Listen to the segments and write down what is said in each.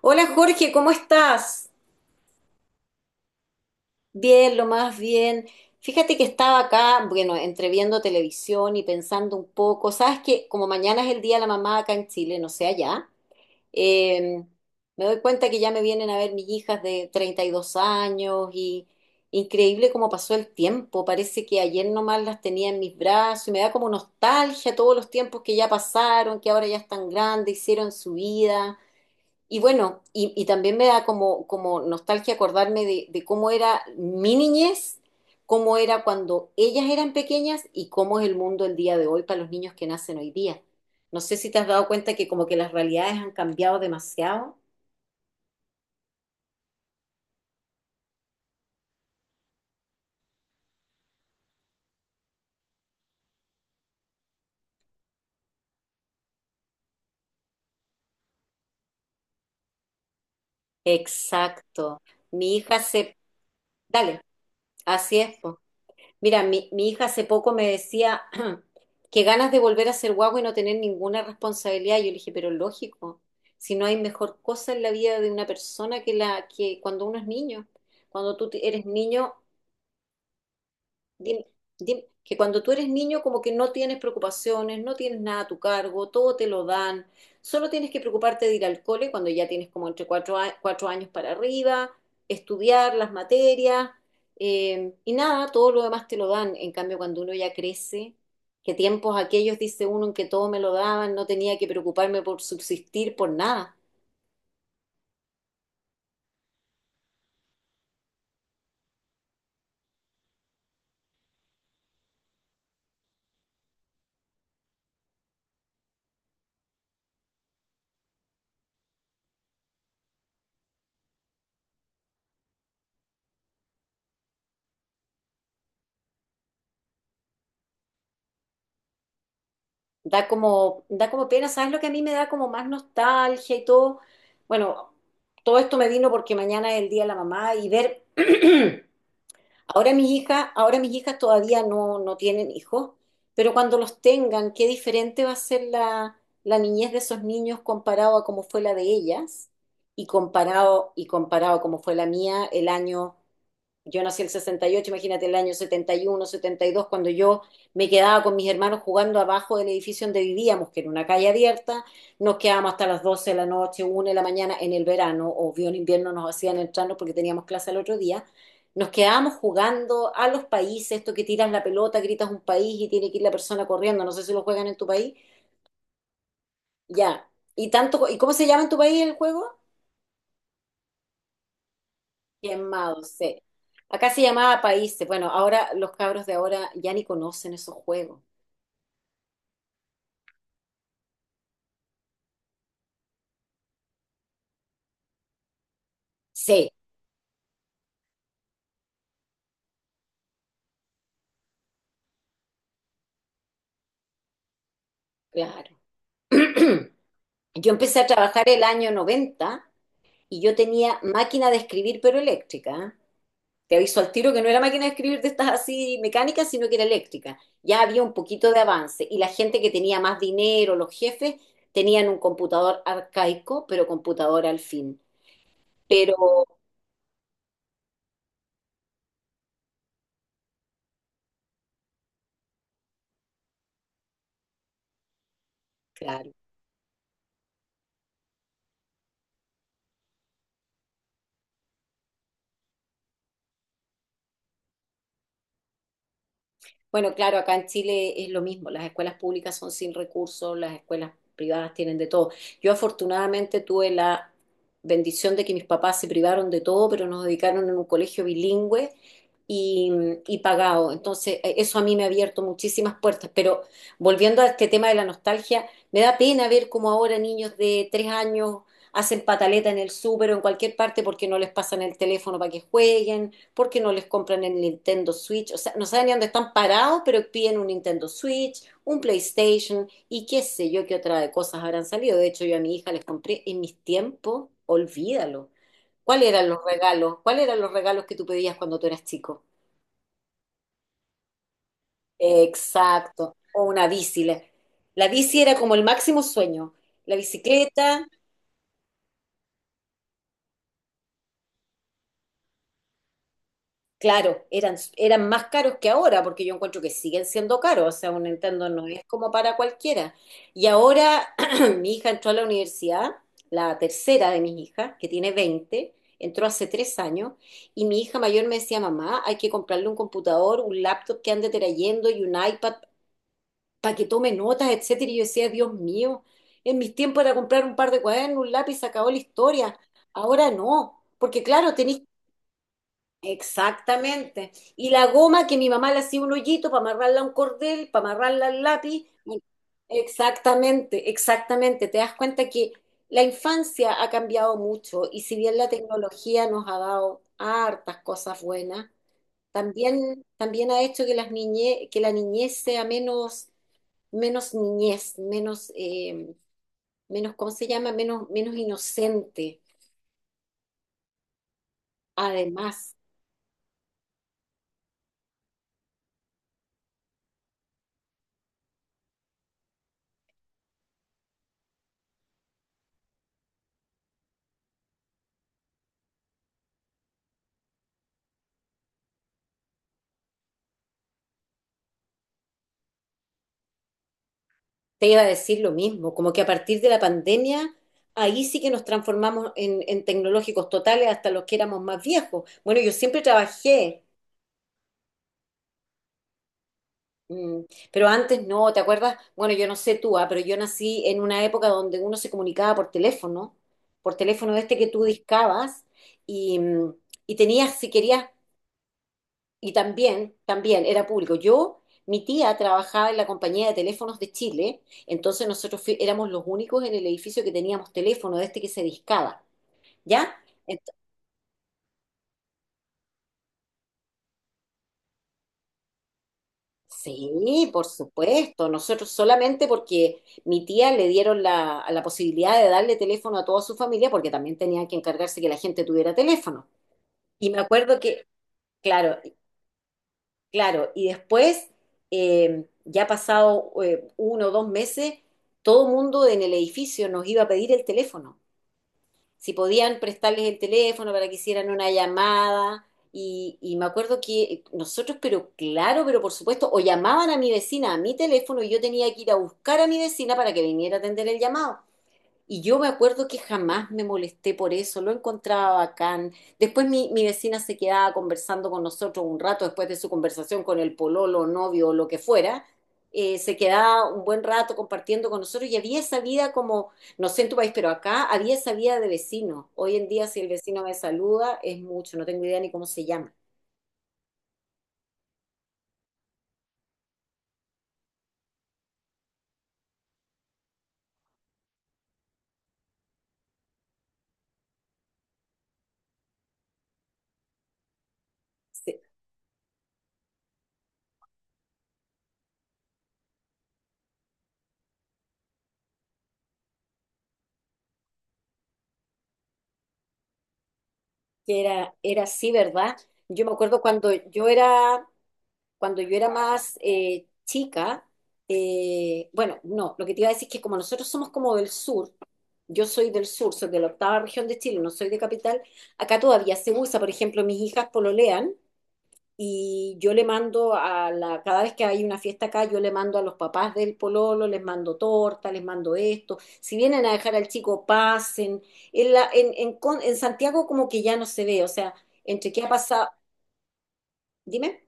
Hola Jorge, ¿cómo estás? Bien, lo más bien. Fíjate que estaba acá, bueno, entre viendo televisión y pensando un poco. Sabes que como mañana es el Día de la Mamá acá en Chile, no sé allá, eh, me doy cuenta que ya me vienen a ver mis hijas de 32 años y increíble cómo pasó el tiempo. Parece que ayer nomás las tenía en mis brazos y me da como nostalgia todos los tiempos que ya pasaron, que ahora ya están grandes, hicieron su vida. Y bueno, y también me da como nostalgia acordarme de cómo era mi niñez, cómo era cuando ellas eran pequeñas y cómo es el mundo el día de hoy para los niños que nacen hoy día. No sé si te has dado cuenta que como que las realidades han cambiado demasiado. Exacto. Mi hija se... Dale, así es, po. Mira, mi hija hace poco me decía que ganas de volver a ser guagua y no tener ninguna responsabilidad. Yo le dije, pero lógico, si no hay mejor cosa en la vida de una persona que la que cuando uno es niño. Cuando tú eres niño, Dim- que cuando tú eres niño como que no tienes preocupaciones, no tienes nada a tu cargo, todo te lo dan, solo tienes que preocuparte de ir al cole cuando ya tienes como entre 4 años para arriba, estudiar las materias y nada, todo lo demás te lo dan. En cambio, cuando uno ya crece, que tiempos aquellos, dice uno, en que todo me lo daban, no tenía que preocuparme por subsistir, por nada. Da como pena, ¿sabes lo que a mí me da como más nostalgia y todo? Bueno, todo esto me vino porque mañana es el Día de la Mamá y ver, ahora mis hijas todavía no tienen hijos, pero cuando los tengan, qué diferente va a ser la niñez de esos niños comparado a cómo fue la de ellas y comparado a cómo fue la mía el año yo nací en el 68, imagínate el año 71, 72, cuando yo me quedaba con mis hermanos jugando abajo del edificio donde vivíamos, que era una calle abierta, nos quedábamos hasta las 12 de la noche, 1 de la mañana en el verano, obvio en invierno nos hacían entrarnos porque teníamos clase al otro día, nos quedábamos jugando a los países, esto que tiras la pelota, gritas un país y tiene que ir la persona corriendo, no sé si lo juegan en tu país, ya. ¿Y cómo se llama en tu país el juego? Quemado, sí. Acá se llamaba países. Bueno, ahora los cabros de ahora ya ni conocen esos juegos. Sí, claro. Yo empecé a trabajar el año 90 y yo tenía máquina de escribir, pero eléctrica. ¿Eh? Te aviso al tiro que no era máquina de escribir de estas así mecánicas, sino que era eléctrica. Ya había un poquito de avance y la gente que tenía más dinero, los jefes, tenían un computador arcaico, pero computador al fin. Pero, claro. Bueno, claro, acá en Chile es lo mismo, las escuelas públicas son sin recursos, las escuelas privadas tienen de todo. Yo afortunadamente tuve la bendición de que mis papás se privaron de todo, pero nos dedicaron en un colegio bilingüe y, y pagado. Entonces, eso a mí me ha abierto muchísimas puertas. Pero volviendo a este tema de la nostalgia, me da pena ver cómo ahora niños de 3 años hacen pataleta en el súper o en cualquier parte porque no les pasan el teléfono para que jueguen porque no les compran el Nintendo Switch, o sea, no saben ni dónde están parados, pero piden un Nintendo Switch, un PlayStation y qué sé yo qué otra de cosas habrán salido. De hecho, yo a mi hija les compré en mis tiempos, olvídalo. ¿Cuáles eran los regalos? ¿Cuáles eran los regalos que tú pedías cuando tú eras chico? Exacto, o una bici. La bici era como el máximo sueño. La bicicleta. Claro, eran más caros que ahora, porque yo encuentro que siguen siendo caros, o sea, un Nintendo no es como para cualquiera. Y ahora mi hija entró a la universidad, la tercera de mis hijas, que tiene 20, entró hace 3 años, y mi hija mayor me decía, mamá, hay que comprarle un computador, un laptop que ande trayendo y un iPad para que tome notas, etcétera. Y yo decía, Dios mío, en mis tiempos era comprar un par de cuadernos, un lápiz, se acabó la historia. Ahora no, porque claro, tenéis. Exactamente. Y la goma que mi mamá le hacía un hoyito para amarrarla a un cordel, para amarrarla al lápiz. Exactamente, exactamente. Te das cuenta que la infancia ha cambiado mucho y si bien la tecnología nos ha dado hartas cosas buenas, también, también ha hecho que que la niñez sea menos, menos niñez, menos, menos, ¿cómo se llama? Menos, menos inocente. Además. Te iba a decir lo mismo, como que a partir de la pandemia, ahí sí que nos transformamos en tecnológicos totales hasta los que éramos más viejos. Bueno, yo siempre trabajé, mm, pero antes no, ¿te acuerdas? Bueno, yo no sé tú, ah, pero yo nací en una época donde uno se comunicaba por teléfono este que tú discabas, y, mm, y tenías, si querías. Y también, también era público. Mi tía trabajaba en la compañía de teléfonos de Chile, entonces nosotros éramos los únicos en el edificio que teníamos teléfono de este que se discaba, ¿ya? Ent- sí, por supuesto, nosotros solamente porque mi tía le dieron la posibilidad de darle teléfono a toda su familia, porque también tenían que encargarse que la gente tuviera teléfono. Y me acuerdo que, claro. Claro, y después, ya pasado 1 o 2 meses, todo el mundo en el edificio nos iba a pedir el teléfono, si podían prestarles el teléfono para que hicieran una llamada. Y me acuerdo que nosotros, pero claro, pero por supuesto, o llamaban a mi vecina a mi teléfono y yo tenía que ir a buscar a mi vecina para que viniera a atender el llamado. Y yo me acuerdo que jamás me molesté por eso, lo encontraba bacán. Después mi vecina se quedaba conversando con nosotros un rato después de su conversación con el pololo, novio o lo que fuera. Se quedaba un buen rato compartiendo con nosotros y había esa vida como, no sé en tu país, pero acá había esa vida de vecino. Hoy en día si el vecino me saluda es mucho, no tengo idea ni cómo se llama. Se- que Era así, ¿verdad? Yo me acuerdo cuando yo era más chica, bueno, no, lo que te iba a decir es que como nosotros somos como del sur, yo soy del sur, soy de la octava región de Chile, no soy de capital, acá todavía se usa, por ejemplo, mis hijas pololean y yo le mando cada vez que hay una fiesta acá, yo le mando a los papás del pololo, les mando torta, les mando esto, si vienen a dejar al chico, pasen. En, la, en, con- en Santiago como que ya no se ve, o sea, entre qué ha pasado, dime.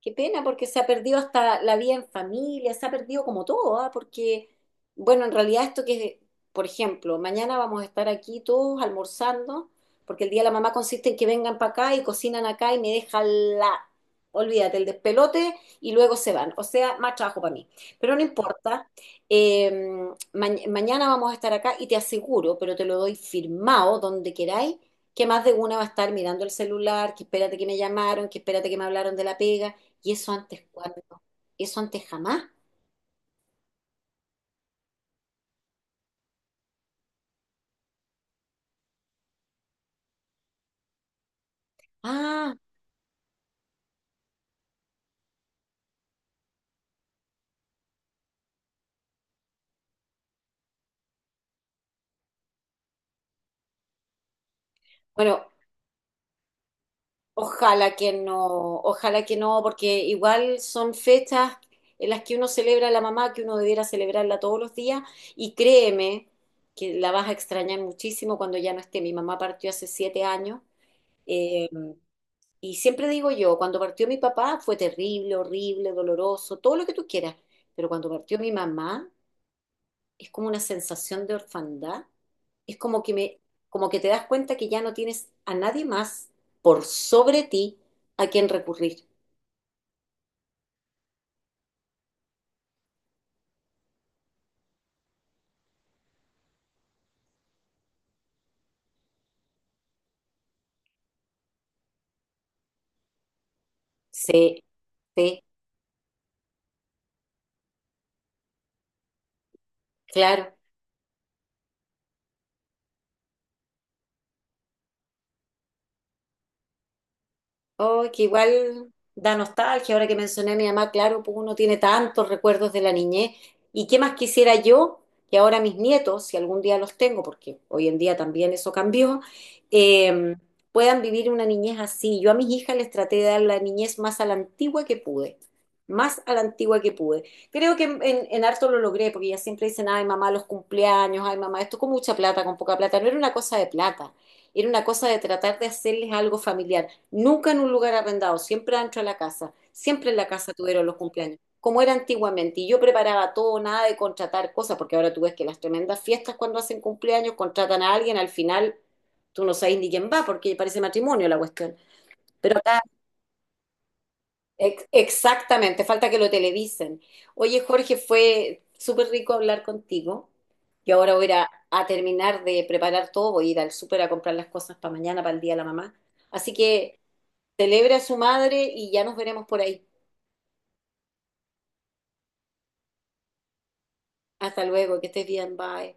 Qué pena, porque se ha perdido hasta la vida en familia, se ha perdido como todo, ¿ah? Porque, bueno, en realidad esto que, por ejemplo, mañana vamos a estar aquí todos almorzando, porque el día de la mamá consiste en que vengan para acá y cocinan acá y me dejan la, olvídate, el despelote y luego se van. O sea, más trabajo para mí. Pero no importa, eh, mañana vamos a estar acá y te aseguro, pero te lo doy firmado donde queráis, que más de una va a estar mirando el celular, que espérate que me llamaron, que espérate que me hablaron de la pega. ¿Y eso antes cuándo? ¿Eso antes jamás? Ah, bueno, ojalá que no, porque igual son fechas en las que uno celebra a la mamá, que uno debiera celebrarla todos los días, y créeme que la vas a extrañar muchísimo cuando ya no esté. Mi mamá partió hace 7 años, eh, y siempre digo yo, cuando partió mi papá fue terrible, horrible, doloroso, todo lo que tú quieras, pero cuando partió mi mamá es como una sensación de orfandad. Es como que me, como que te das cuenta que ya no tienes a nadie más por sobre ti a quien recurrir. Sí, sí, claro. Oh, que igual da nostalgia, ahora que mencioné a mi mamá, claro, pues uno tiene tantos recuerdos de la niñez. ¿Y qué más quisiera yo que ahora mis nietos, si algún día los tengo, porque hoy en día también eso cambió, eh, puedan vivir una niñez así? Yo a mis hijas les traté de dar la niñez más a la antigua que pude, más a la antigua que pude. Creo que en harto lo logré, porque ellas siempre dicen, ay mamá, los cumpleaños, ay mamá, esto con mucha plata, con poca plata. No era una cosa de plata, era una cosa de tratar de hacerles algo familiar. Nunca en un lugar arrendado, siempre adentro de la casa. Siempre en la casa tuvieron los cumpleaños, como era antiguamente. Y yo preparaba todo, nada de contratar cosas, porque ahora tú ves que las tremendas fiestas cuando hacen cumpleaños contratan a alguien, al final tú no sabes ni quién va, porque parece matrimonio la cuestión. Pero acá, exactamente, falta que lo televisen. Oye, Jorge, fue súper rico hablar contigo. Yo ahora voy a ir a terminar de preparar todo, voy a ir al súper a comprar las cosas para mañana, para el Día de la Mamá. Así que celebra a su madre y ya nos veremos por ahí. Hasta luego, que estés bien, bye.